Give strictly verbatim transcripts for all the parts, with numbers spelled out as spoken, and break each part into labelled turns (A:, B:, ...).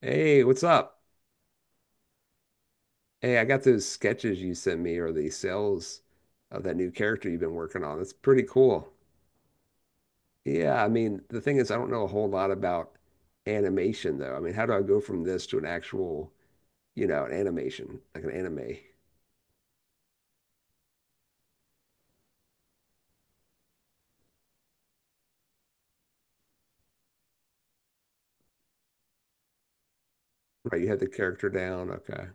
A: Hey, what's up? Hey, I got those sketches you sent me or the sales of that new character you've been working on. That's pretty cool. Yeah, I mean, the thing is, I don't know a whole lot about animation though. I mean, how do I go from this to an actual, you know, an animation, like an anime? Right, you have the character down. Okay.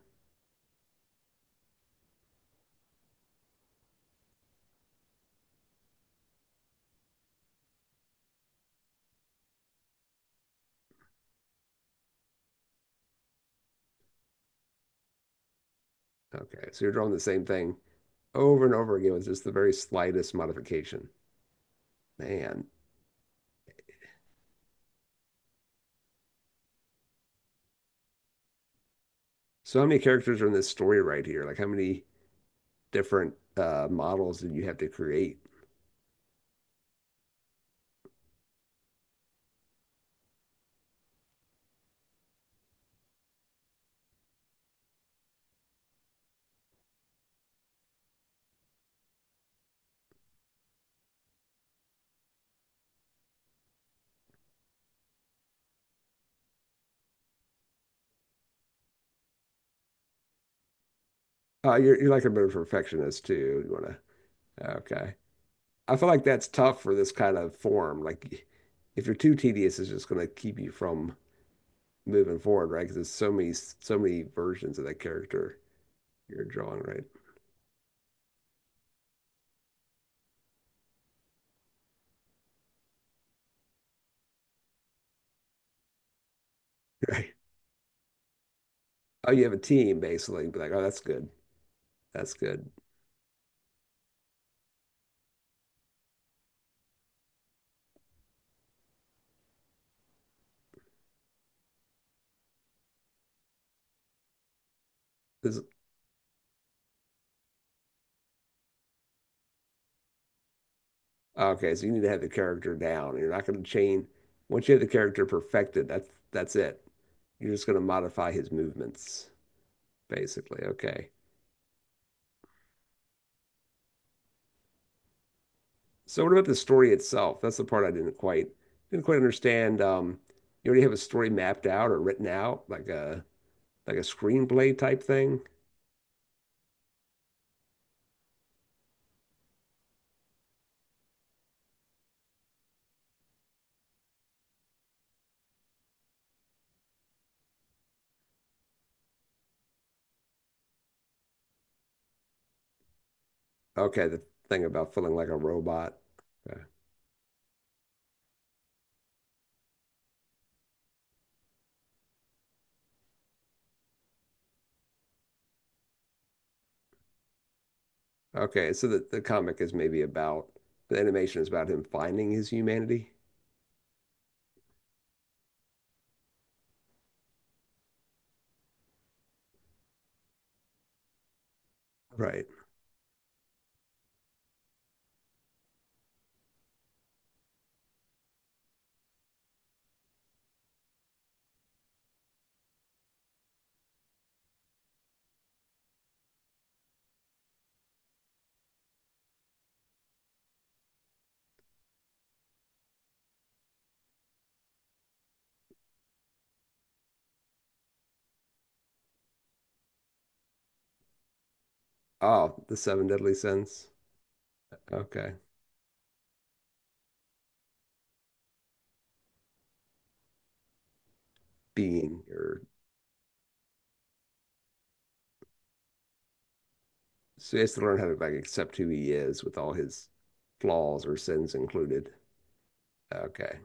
A: Okay. So you're drawing the same thing over and over again with just the very slightest modification. Man. So how many characters are in this story right here? Like how many different uh models did you have to create? Oh, you're you're like a bit of a perfectionist too. You wanna Okay. I feel like that's tough for this kind of form. Like if you're too tedious, it's just gonna keep you from moving forward, right? Because there's so many so many versions of that character you're drawing, right? Right. Oh, you have a team basically. Be like, oh, that's good. That's good. This Okay. So you need to have the character down. You're not gonna change. Once you have the character perfected, that's that's it. You're just gonna modify his movements, basically. Okay. So what about the story itself? That's the part I didn't quite didn't quite understand. Um, you already have a story mapped out or written out, like a like a screenplay type thing. Okay, the thing about feeling like a robot. Okay, okay. So the, the comic is maybe about the animation is about him finding his humanity. Right. Oh, the seven deadly sins. Okay. Being or So he has to learn how to like accept who he is with all his flaws or sins included. Okay.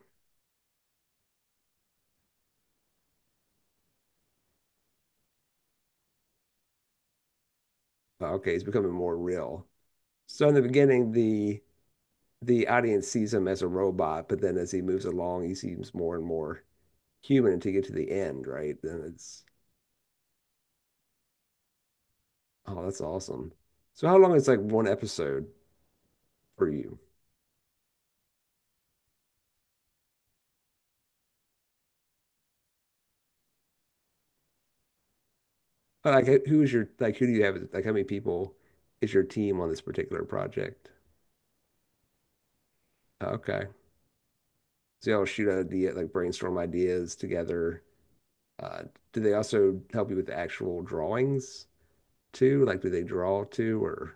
A: Okay, he's becoming more real. So in the beginning, the the audience sees him as a robot, but then as he moves along, he seems more and more human to get to the end, right? Then it's Oh, that's awesome. So how long is like one episode for you? Like who is your like who do you have like how many people is your team on this particular project? Okay. So y'all shoot out idea, like, brainstorm ideas together. Uh, do they also help you with the actual drawings too? Like do they draw too, or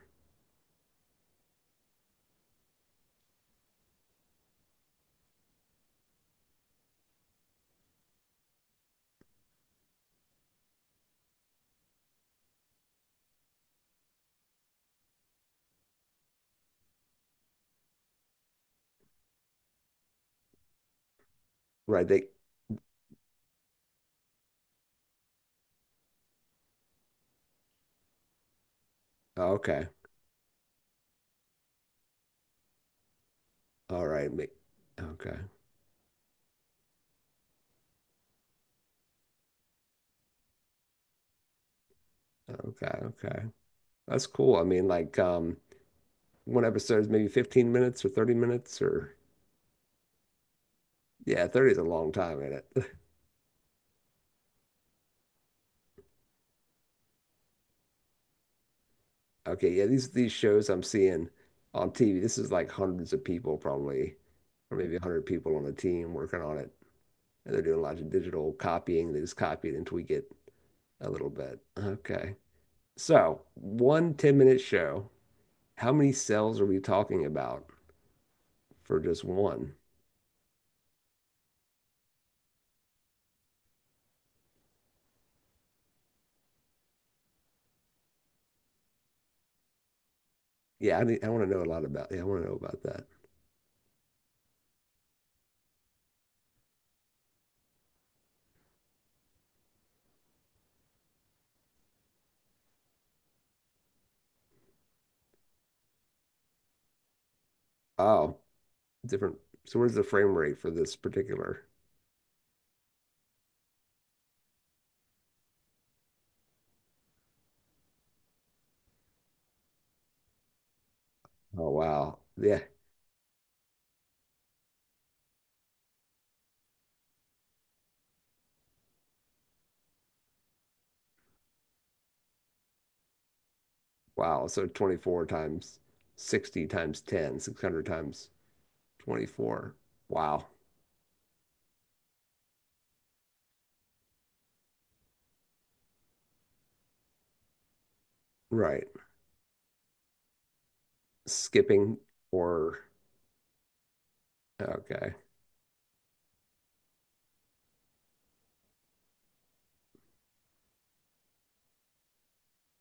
A: right they oh, okay. All right, ma- okay, okay, okay. That's cool. I mean, like, um, one episode is maybe fifteen minutes or thirty minutes or, yeah, thirty is a long time in it. Okay, yeah, these these shows I'm seeing on T V, this is like hundreds of people probably, or maybe one hundred people on a team working on it. And they're doing lots of digital copying. They just copy it and tweak it a little bit. Okay. So, one ten minute show, how many cells are we talking about for just one? Yeah, I need, I want to know a lot about. Yeah, I want to know about that. Oh, different. So where's the frame rate for this particular? Oh, wow. Yeah. Wow. So twenty-four times sixty times ten, six hundred times twenty-four. Wow. Right. Skipping or. Okay.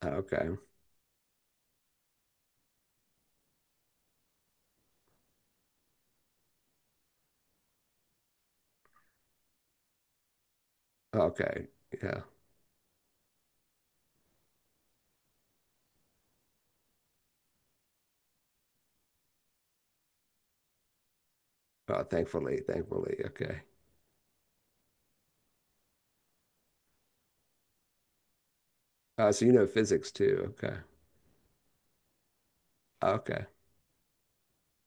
A: Okay. Okay. Yeah. Oh, thankfully, thankfully. Okay. Uh, so you know physics too. Okay. Okay.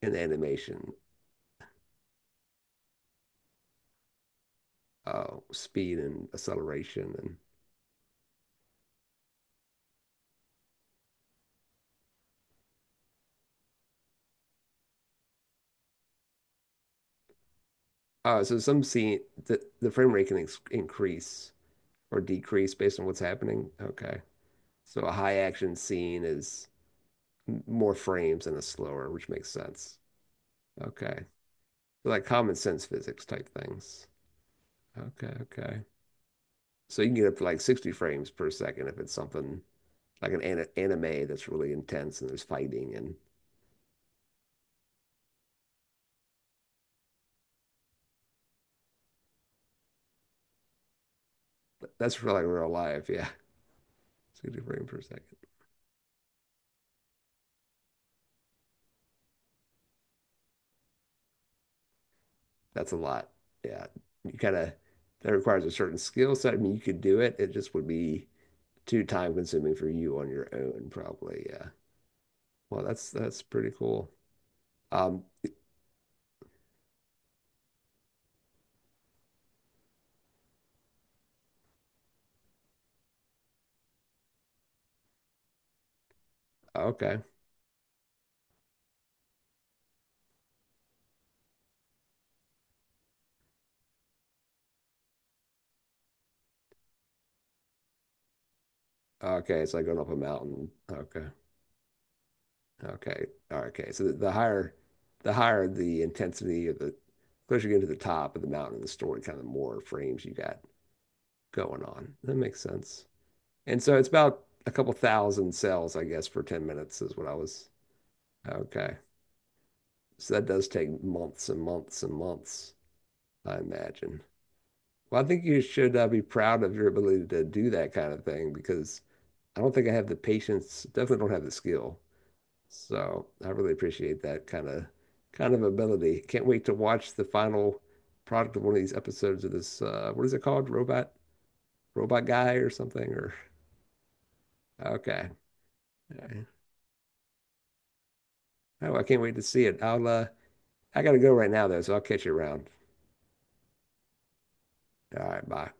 A: And animation. Uh, speed and acceleration. Uh, so some scene the the frame rate can ex increase or decrease based on what's happening. Okay. So a high action scene is m- more frames and a slower, which makes sense. Okay. So, like, common sense physics type things. Okay, okay. So you can get up to like sixty frames per second if it's something like an, an anime that's really intense and there's fighting and that's for like real life, yeah. sixty frames per second. That's a lot. Yeah. You kind of, that requires a certain skill set. I mean, you could do it. It just would be too time consuming for you on your own, probably. Yeah. Well, that's that's pretty cool. Um, okay. Okay, it's like going up a mountain. Okay. Okay. All right, okay. So the, the higher the higher the intensity of the closer you get to the top of the mountain the story, kind of more frames you got going on. That makes sense. And so it's about a couple thousand cells, I guess, for ten minutes is what I was. Okay. So that does take months and months and months, I imagine. Well, I think you should uh, be proud of your ability to do that kind of thing because I don't think I have the patience, definitely don't have the skill. So I really appreciate that kind of kind of ability. Can't wait to watch the final product of one of these episodes of this uh, what is it called? Robot Robot Guy or something or okay. All right. Oh, I can't wait to see it. I'll uh, I gotta go right now though, so I'll catch you around. All right, bye.